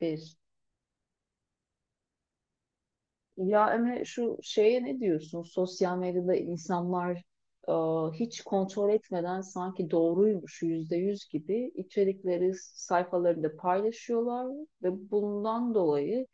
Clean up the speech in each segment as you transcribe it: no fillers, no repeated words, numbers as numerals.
Bir. Ya Emre şu şeye ne diyorsun? Sosyal medyada insanlar e, hiç kontrol etmeden sanki doğruymuş yüzde yüz gibi içerikleri sayfalarında paylaşıyorlar ve bundan dolayı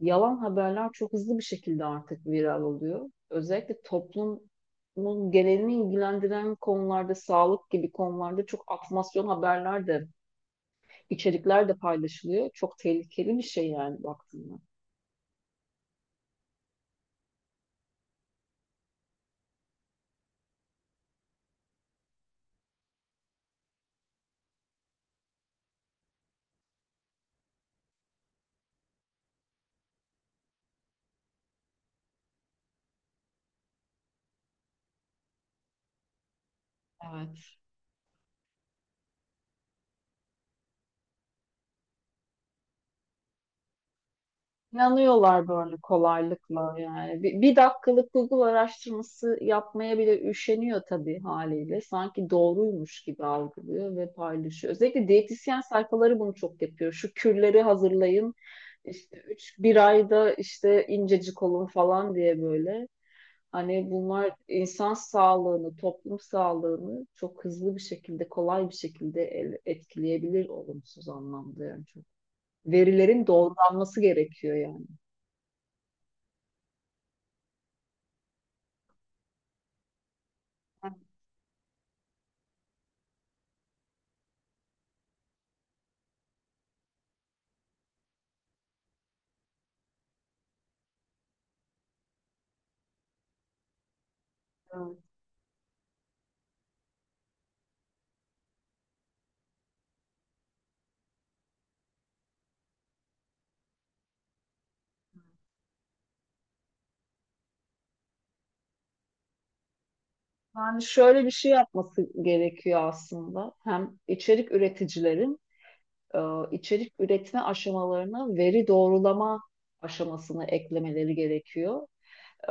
yalan haberler çok hızlı bir şekilde artık viral oluyor. Özellikle toplumun genelini ilgilendiren konularda, sağlık gibi konularda çok atmasyon haberler de, içerikler de paylaşılıyor. Çok tehlikeli bir şey yani baktığında. Evet. İnanıyorlar böyle kolaylıkla yani. Bir dakikalık Google araştırması yapmaya bile üşeniyor tabii haliyle. Sanki doğruymuş gibi algılıyor ve paylaşıyor. Özellikle diyetisyen sayfaları bunu çok yapıyor. Şu kürleri hazırlayın. İşte üç, bir ayda işte incecik olun falan diye böyle. Hani bunlar insan sağlığını, toplum sağlığını çok hızlı bir şekilde, kolay bir şekilde etkileyebilir olumsuz anlamda yani çok. Verilerin doğrulanması gerekiyor yani. Evet. Yani şöyle bir şey yapması gerekiyor aslında. Hem içerik üreticilerin e, içerik üretme aşamalarına veri doğrulama aşamasını eklemeleri gerekiyor.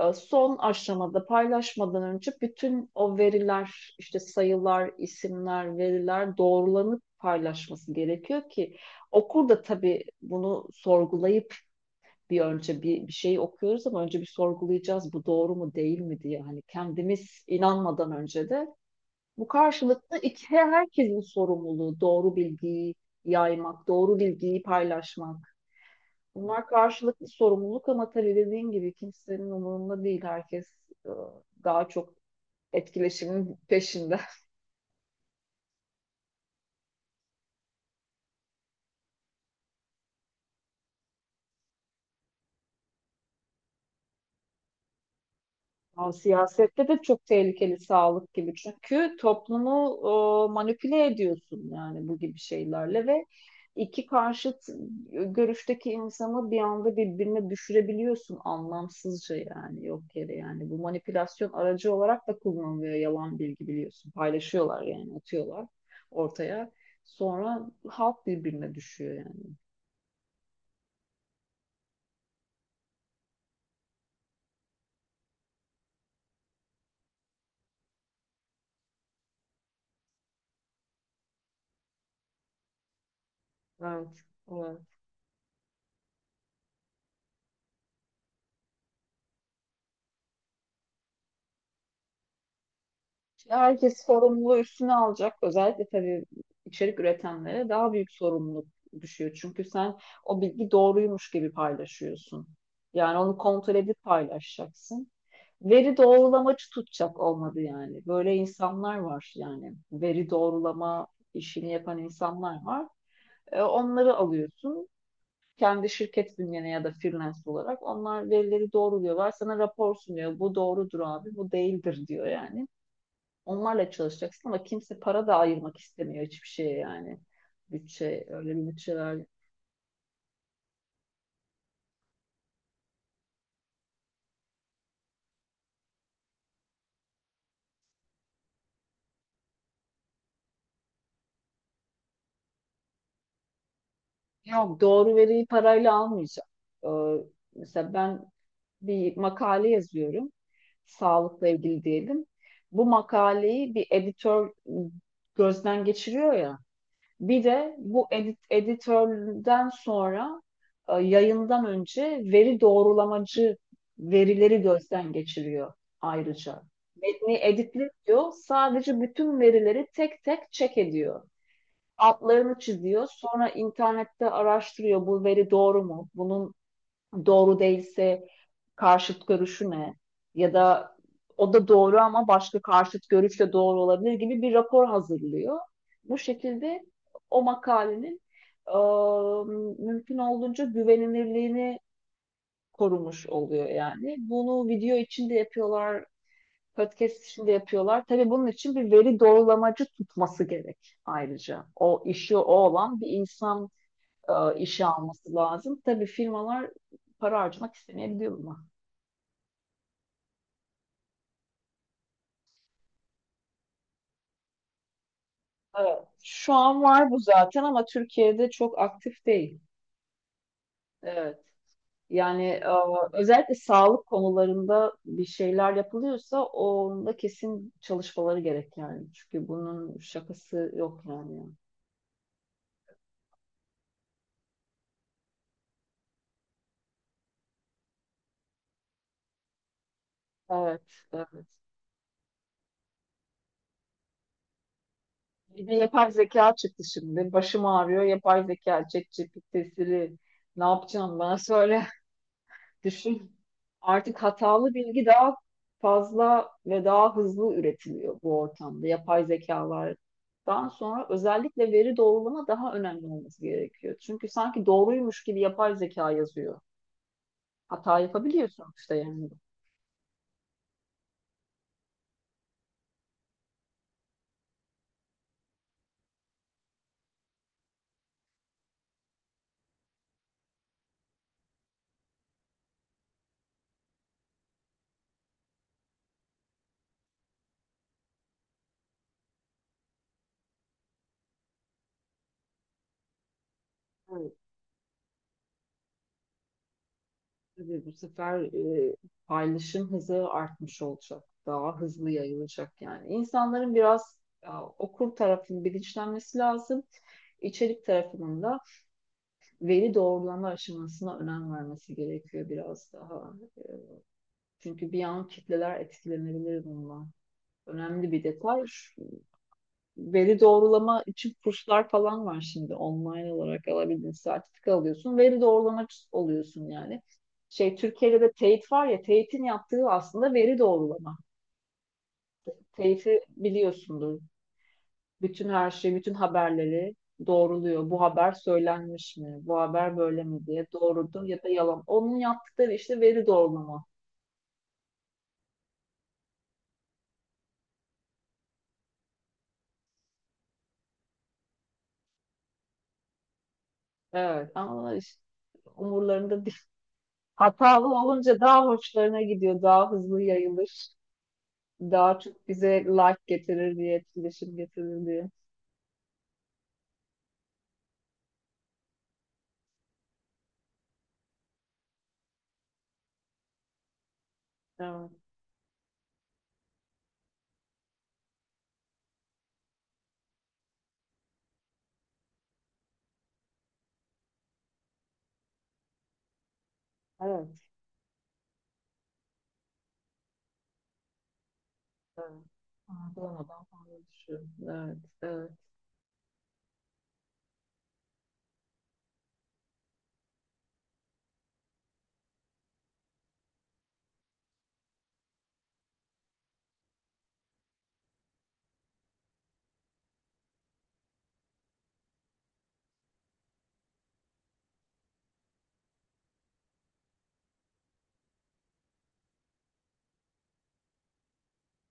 Son aşamada paylaşmadan önce bütün o veriler, işte sayılar, isimler, veriler doğrulanıp paylaşması gerekiyor ki okur da tabii bunu sorgulayıp bir önce bir şey okuyoruz ama önce bir sorgulayacağız bu doğru mu değil mi diye hani kendimiz inanmadan önce de bu karşılıklı iki, herkesin sorumluluğu doğru bilgiyi yaymak, doğru bilgiyi paylaşmak. Bunlar karşılıklı sorumluluk ama tabii dediğin gibi kimsenin umurunda değil. Herkes e, daha çok etkileşimin peşinde. Ya siyasette de çok tehlikeli sağlık gibi. Çünkü toplumu manipüle ediyorsun yani bu gibi şeylerle ve iki karşıt görüşteki insanı bir anda birbirine düşürebiliyorsun anlamsızca yani yok yere yani. Bu manipülasyon aracı olarak da kullanılıyor yalan bilgi biliyorsun. Paylaşıyorlar yani atıyorlar ortaya. Sonra halk birbirine düşüyor yani. Evet. Herkes sorumluluğu üstüne alacak. Özellikle tabii içerik üretenlere daha büyük sorumluluk düşüyor. Çünkü sen o bilgi doğruymuş gibi paylaşıyorsun. Yani onu kontrol edip paylaşacaksın. Veri doğrulamacı tutacak olmadı yani. Böyle insanlar var yani. Veri doğrulama işini yapan insanlar var. Onları alıyorsun. Kendi şirket bünyene ya da freelance olarak onlar verileri doğruluyorlar. Sana rapor sunuyor. Bu doğrudur abi, bu değildir diyor yani. Onlarla çalışacaksın ama kimse para da ayırmak istemiyor hiçbir şeye yani. Bütçe, öyle bir bütçeler. Yok doğru veriyi parayla almayacak. Ee, mesela ben bir makale yazıyorum. Sağlıkla ilgili diyelim. Bu makaleyi bir editör gözden geçiriyor ya. Bir de bu editörden sonra yayından önce veri doğrulamacı verileri gözden geçiriyor ayrıca. Metni editliyor, sadece bütün verileri tek tek check ediyor. Altlarını çiziyor, sonra internette araştırıyor bu veri doğru mu? Bunun doğru değilse karşıt görüşü ne? Ya da o da doğru ama başka karşıt görüş de doğru olabilir gibi bir rapor hazırlıyor. Bu şekilde o makalenin e, mümkün olduğunca güvenilirliğini korumuş oluyor yani. Bunu video için de yapıyorlar, podcast için de yapıyorlar. Tabii bunun için bir veri doğrulamacı tutması gerek ayrıca. O işi o olan bir insan işe alması lazım. Tabii firmalar para harcamak istemeyebiliyor buna. Evet. Şu an var bu zaten ama Türkiye'de çok aktif değil. Evet. Yani özellikle sağlık konularında bir şeyler yapılıyorsa onda kesin çalışmaları gerek yani. Çünkü bunun şakası yok yani. Evet, evet. Bir de yapay zeka çıktı şimdi. Başım ağrıyor. Yapay zeka, ChatGPT'si. Ne yapacağım bana söyle. Düşün artık hatalı bilgi daha fazla ve daha hızlı üretiliyor bu ortamda. Yapay zekalardan sonra özellikle veri doğrulama daha önemli olması gerekiyor. Çünkü sanki doğruymuş gibi yapay zeka yazıyor. Hata yapabiliyorsun işte yani. Evet, tabii bu sefer e, paylaşım hızı artmış olacak. Daha hızlı yayılacak yani. İnsanların biraz okur tarafının bilinçlenmesi lazım. İçerik tarafının da veri doğrulama aşamasına önem vermesi gerekiyor biraz daha. Çünkü bir an kitleler etkilenebilir bundan. Önemli bir detay. Veri doğrulama için kurslar falan var şimdi online olarak alabildiğin sertifika alıyorsun. Veri doğrulamak oluyorsun yani. Şey Türkiye'de de TEİT var ya TEİT'in yaptığı aslında veri doğrulama. TEİT'i biliyorsundur. Bütün her şeyi, bütün haberleri doğruluyor. Bu haber söylenmiş mi? Bu haber böyle mi diye doğrudur ya da yalan. Onun yaptıkları işte veri doğrulama. Evet ama işte umurlarında değil. Hatalı olunca daha hoşlarına gidiyor, daha hızlı yayılır. Daha çok bize like getirir diye, etkileşim getirir diye. Evet, evet, evet. Ha, doğmadan fazla düşüyor. Evet, evet.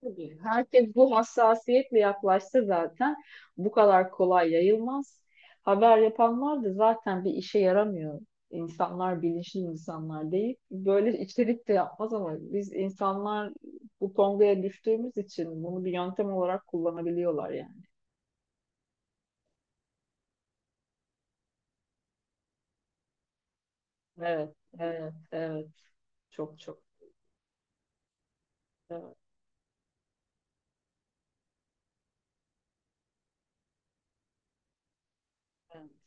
Tabii. Herkes bu hassasiyetle yaklaşsa zaten bu kadar kolay yayılmaz. Haber yapanlar da zaten bir işe yaramıyor. İnsanlar bilinçli insanlar değil. Böyle içerik de yapmaz ama biz insanlar bu tongaya düştüğümüz için bunu bir yöntem olarak kullanabiliyorlar yani. Evet, evet, evet. Çok çok. Evet, evet.